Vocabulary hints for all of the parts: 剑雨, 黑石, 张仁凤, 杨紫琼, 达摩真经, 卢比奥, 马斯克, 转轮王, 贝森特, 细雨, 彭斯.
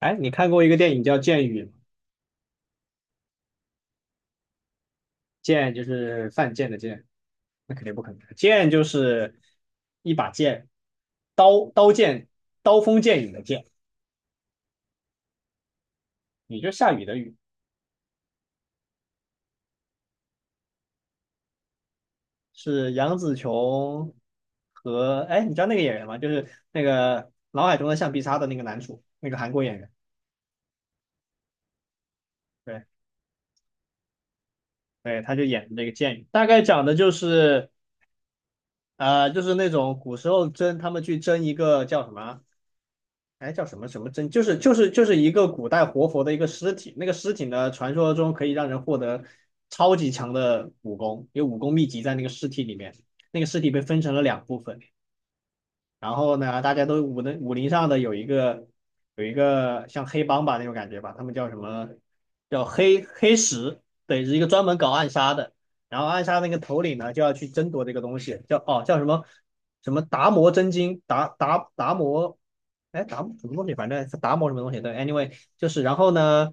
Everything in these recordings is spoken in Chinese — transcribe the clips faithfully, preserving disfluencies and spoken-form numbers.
哎，你看过一个电影叫《剑雨》吗？剑就是犯贱的剑，那肯定不可能。剑就是一把剑，刀刀剑，刀锋剑影的剑，也就是下雨的雨，是杨紫琼和哎，你知道那个演员吗？就是那个脑海中的橡皮擦的那个男主，那个韩国演员，对对，他就演的这个剑雨，大概讲的就是呃，就是那种古时候争他们去争一个叫什么啊哎，叫什么什么真，就是就是就是一个古代活佛的一个尸体，那个尸体呢，传说中可以让人获得超级强的武功，有武功秘籍在那个尸体里面，那个尸体被分成了两部分，然后呢，大家都武能武林上的有一个有一个像黑帮吧那种感觉吧，他们叫什么？叫黑黑石，对，是一个专门搞暗杀的。然后暗杀那个头领呢，就要去争夺这个东西，叫哦叫什么什么达摩真经，达达达摩，哎达摩什么东西，反正是达摩什么东西。对，anyway 就是然后呢，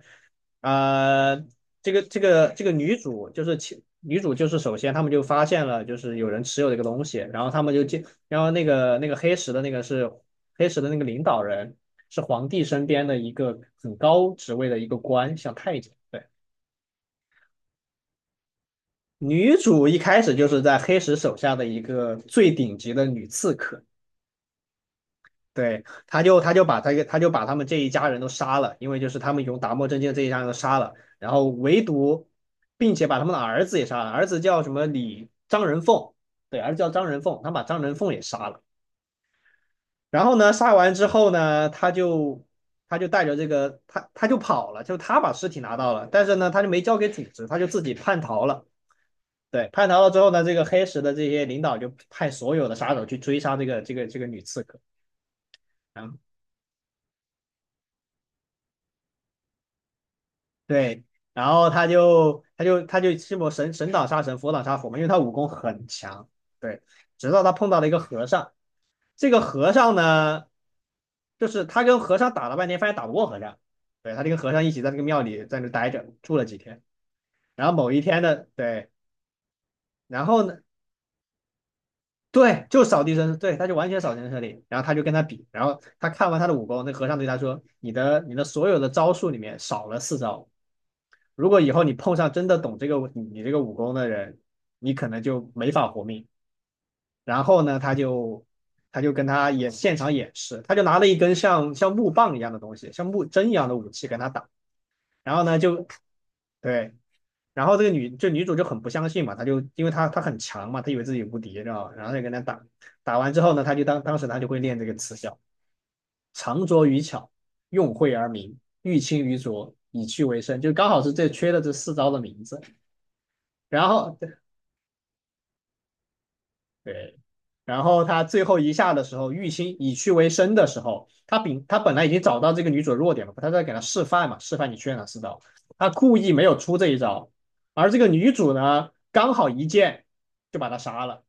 呃，这个这个这个女主就是其女主就是首先他们就发现了就是有人持有这个东西，然后他们就进然后那个那个黑石的那个是黑石的那个领导人是皇帝身边的一个很高职位的一个官，像太监。对，女主一开始就是在黑石手下的一个最顶级的女刺客。对，他就他就把他他就把他们这一家人都杀了，因为就是他们用达摩真经这一家人都杀了，然后唯独并且把他们的儿子也杀了，儿子叫什么李张仁凤，对，儿子叫张仁凤，他把张仁凤也杀了。然后呢，杀完之后呢，他就他就带着这个他他就跑了，就他把尸体拿到了，但是呢，他就没交给组织，他就自己叛逃了。对，叛逃了之后呢，这个黑石的这些领导就派所有的杀手去追杀这个这个这个女刺客。然后对，然后他就他就他就这么神神挡杀神，佛挡杀佛嘛，因为他武功很强。对，直到他碰到了一个和尚，这个和尚呢。就是他跟和尚打了半天，发现打不过和尚，对他就跟和尚一起在那个庙里在那待着住了几天，然后某一天呢，对，然后呢，对，就扫地僧，对，他就完全扫地僧里，然后他就跟他比，然后他看完他的武功，那和尚对他说，你的你的所有的招数里面少了四招，如果以后你碰上真的懂这个你你这个武功的人，你可能就没法活命。然后呢，他就他就跟他演现场演示，他就拿了一根像像木棒一样的东西，像木针一样的武器跟他打。然后呢，就对，然后这个女这女主就很不相信嘛，她就因为她她很强嘛，她以为自己无敌，知道吧？然后就跟他打，打完之后呢，她就当当时她就会练这个词效，长拙于巧，用晦而明，欲清于拙，以屈为伸，就刚好是这缺的这四招的名字。然后对，然后他最后一下的时候，玉心以屈为伸的时候，他比他本来已经找到这个女主的弱点了，他在给她示范嘛，示范你缺哪四招，他故意没有出这一招，而这个女主呢，刚好一剑就把他杀了，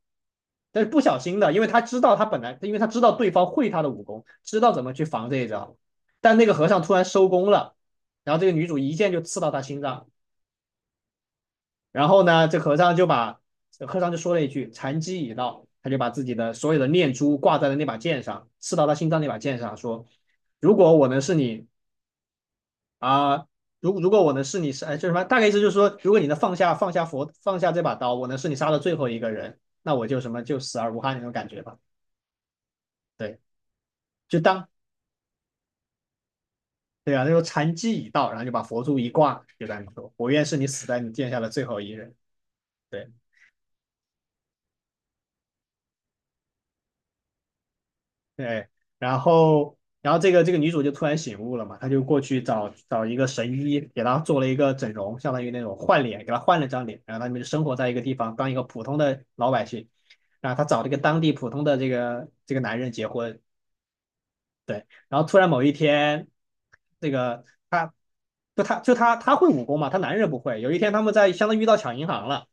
但是不小心的，因为他知道他本来，因为他知道对方会他的武功，知道怎么去防这一招，但那个和尚突然收功了，然后这个女主一剑就刺到他心脏。然后呢，这和尚就把和尚就说了一句“禅机已到”，他就把自己的所有的念珠挂在了那把剑上，刺到他心脏那把剑上，说：“如果我能是你啊，如呃如果我能是你是，哎，就是什么？大概意思就是说，如果你能放下放下佛放下这把刀，我能是你杀的最后一个人，那我就什么就死而无憾那种感觉吧。对，就当对啊，他说禅机已到，然后就把佛珠一挂，就在那说：我愿是你死在你剑下的最后一人。对，对，然后然后这个这个女主就突然醒悟了嘛，她就过去找找一个神医，给她做了一个整容，相当于那种换脸，给她换了张脸，然后他们就生活在一个地方，当一个普通的老百姓。然后她找了一个当地普通的这个这个男人结婚，对，然后突然某一天，这个她就她就她她会武功嘛，她男人不会。有一天他们在相当于遇到抢银行了。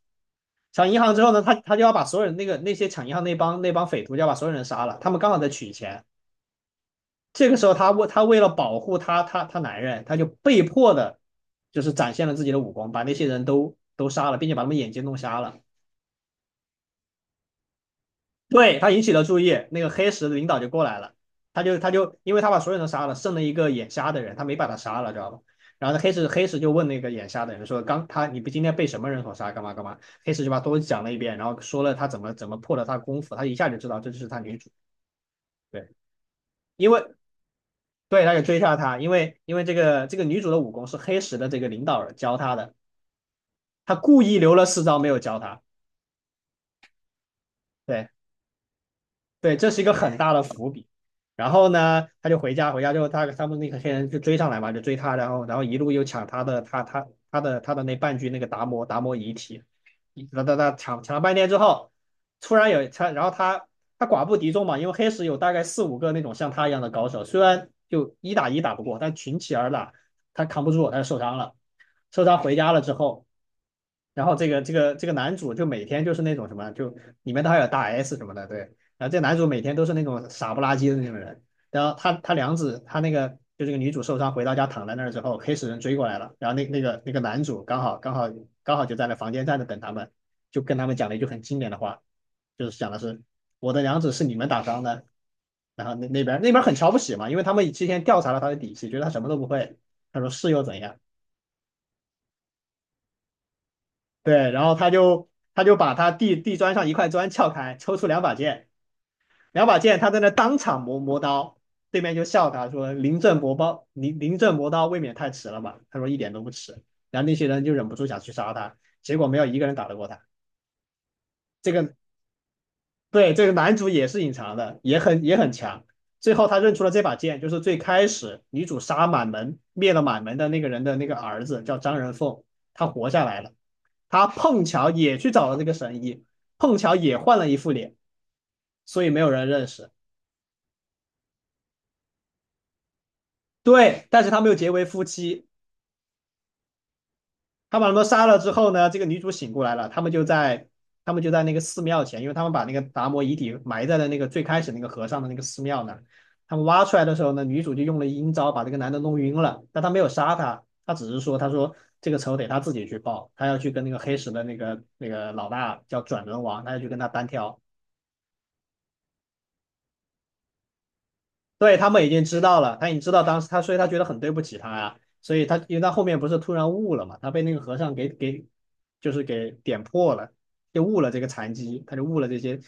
抢银行之后呢，他他就要把所有人那个那些抢银行那帮那帮匪徒就要把所有人杀了，他们刚好在取钱，这个时候他为他为了保护他他他男人，他就被迫的，就是展现了自己的武功，把那些人都都杀了，并且把他们眼睛弄瞎了。对，他引起了注意，那个黑石的领导就过来了，他就他就因为他把所有人杀了，剩了一个眼瞎的人，他没把他杀了，知道吧？然后那黑石黑石就问那个眼瞎的人说：“刚他你不今天被什么人所杀？干嘛干嘛？”黑石就把都讲了一遍，然后说了他怎么怎么破了他功夫，他一下就知道这就是他女主。对，因为对，他就追杀他，因为因为这个这个女主的武功是黑石的这个领导人教她的，他故意留了四招没有教她。对。对，这是一个很大的伏笔。然后呢，他就回家，回家之后他他们那个黑人就追上来嘛，就追他，然后然后一路又抢他的他他他的他的那半具那个达摩达摩遗体，他他他抢抢了半天之后，突然有他，然后他他寡不敌众嘛，因为黑石有大概四五个那种像他一样的高手，虽然就一打一打不过，但群起而打，他扛不住，他就受伤了，受伤回家了之后。然后这个这个这个男主就每天就是那种什么，就里面都还有大 S 什么的，对，然后这男主每天都是那种傻不拉几的那种人，然后他他娘子他那个就这个女主受伤回到家躺在那儿之后，黑死人追过来了，然后那那个那个男主刚好刚好刚好就在那房间站着等他们，就跟他们讲了一句很经典的话，就是讲的是我的娘子是你们打伤的，然后那那边那边很瞧不起嘛，因为他们之前调查了他的底细，觉得他什么都不会，他说是又怎样？对，然后他就他就把他地地砖上一块砖撬开，抽出两把剑。两把剑，他在那当场磨磨刀，对面就笑他说："临阵磨刀，临临阵磨刀未免太迟了吧？"他说一点都不迟。然后那些人就忍不住想去杀他，结果没有一个人打得过他。这个对这个男主也是隐藏的，也很也很强。最后他认出了这把剑，就是最开始女主杀满门灭了满门的那个人的那个儿子叫张仁凤，他活下来了。他碰巧也去找了这个神医，碰巧也换了一副脸，所以没有人认识。对，但是他们又结为夫妻。他把他们杀了之后呢，这个女主醒过来了，他们就在他们就在那个寺庙前，因为他们把那个达摩遗体埋在了那个最开始那个和尚的那个寺庙那儿。他们挖出来的时候呢，女主就用了阴招把这个男的弄晕了，但他没有杀他，他只是说，他说这个仇得他自己去报，他要去跟那个黑石的那个那个老大叫转轮王，他要去跟他单挑。对，他们已经知道了，他已经知道当时他，所以他觉得很对不起他呀、所以他因为他后面不是突然悟了嘛，他被那个和尚给给就是给点破了，就悟了这个禅机，他就悟了这些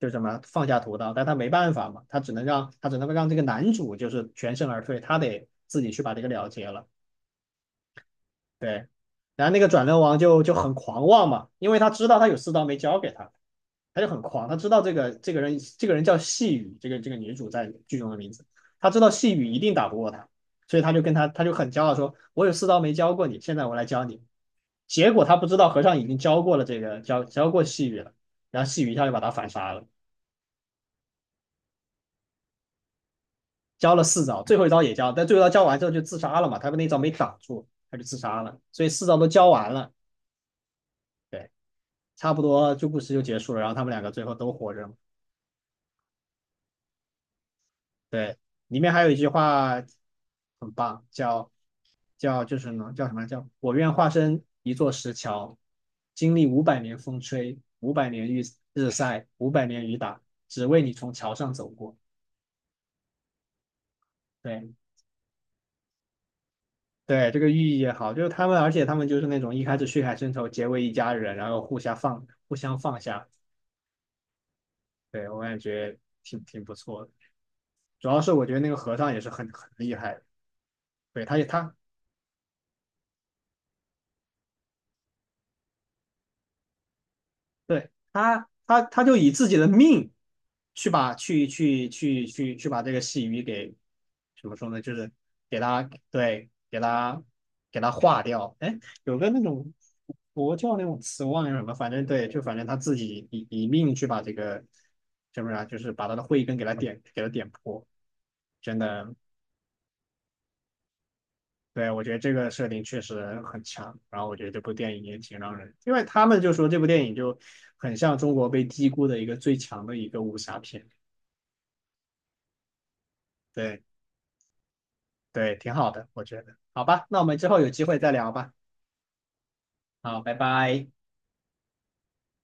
就是什么放下屠刀，但他没办法嘛，他只能让他只能让这个男主就是全身而退，他得自己去把这个了结了。对，然后那个转轮王就就很狂妄嘛，因为他知道他有四刀没交给他，他就很狂，他知道这个这个人这个人叫细雨，这个这个女主在剧中的名字，他知道细雨一定打不过他，所以他就跟他他就很骄傲说，我有四刀没教过你，现在我来教你。结果他不知道和尚已经教过了这个教教过细雨了，然后细雨一下就把他反杀了，教了四招，最后一招也教，但最后一招教完之后就自杀了嘛，他那一招没挡住，他就自杀了，所以四招都教完了。对。差不多就故事就结束了，然后他们两个最后都活着嘛对，里面还有一句话很棒，叫叫就是呢叫什么叫我愿化身一座石桥，经历五百年风吹，五百年日日晒，五百年雨打，只为你从桥上走过。对对，这个寓意也好，就是他们，而且他们就是那种一开始血海深仇，结为一家人，然后互相放互相放下。对，我感觉挺挺不错的，主要是我觉得那个和尚也是很很厉害的。对，他也他对他，他他就以自己的命去把去去去去去把这个细鱼给怎么说呢？就是给他对给他给他化掉。哎，有个那种佛教那种词忘了叫什么，反正对，就反正他自己以以命去把这个是不是啊，就是把他的慧根给他点给他点破，真的对，我觉得这个设定确实很强，然后我觉得这部电影也挺让人，因为他们就说这部电影就很像中国被低估的一个最强的一个武侠片，对对，挺好的，我觉得。好吧，那我们之后有机会再聊吧。好，拜拜。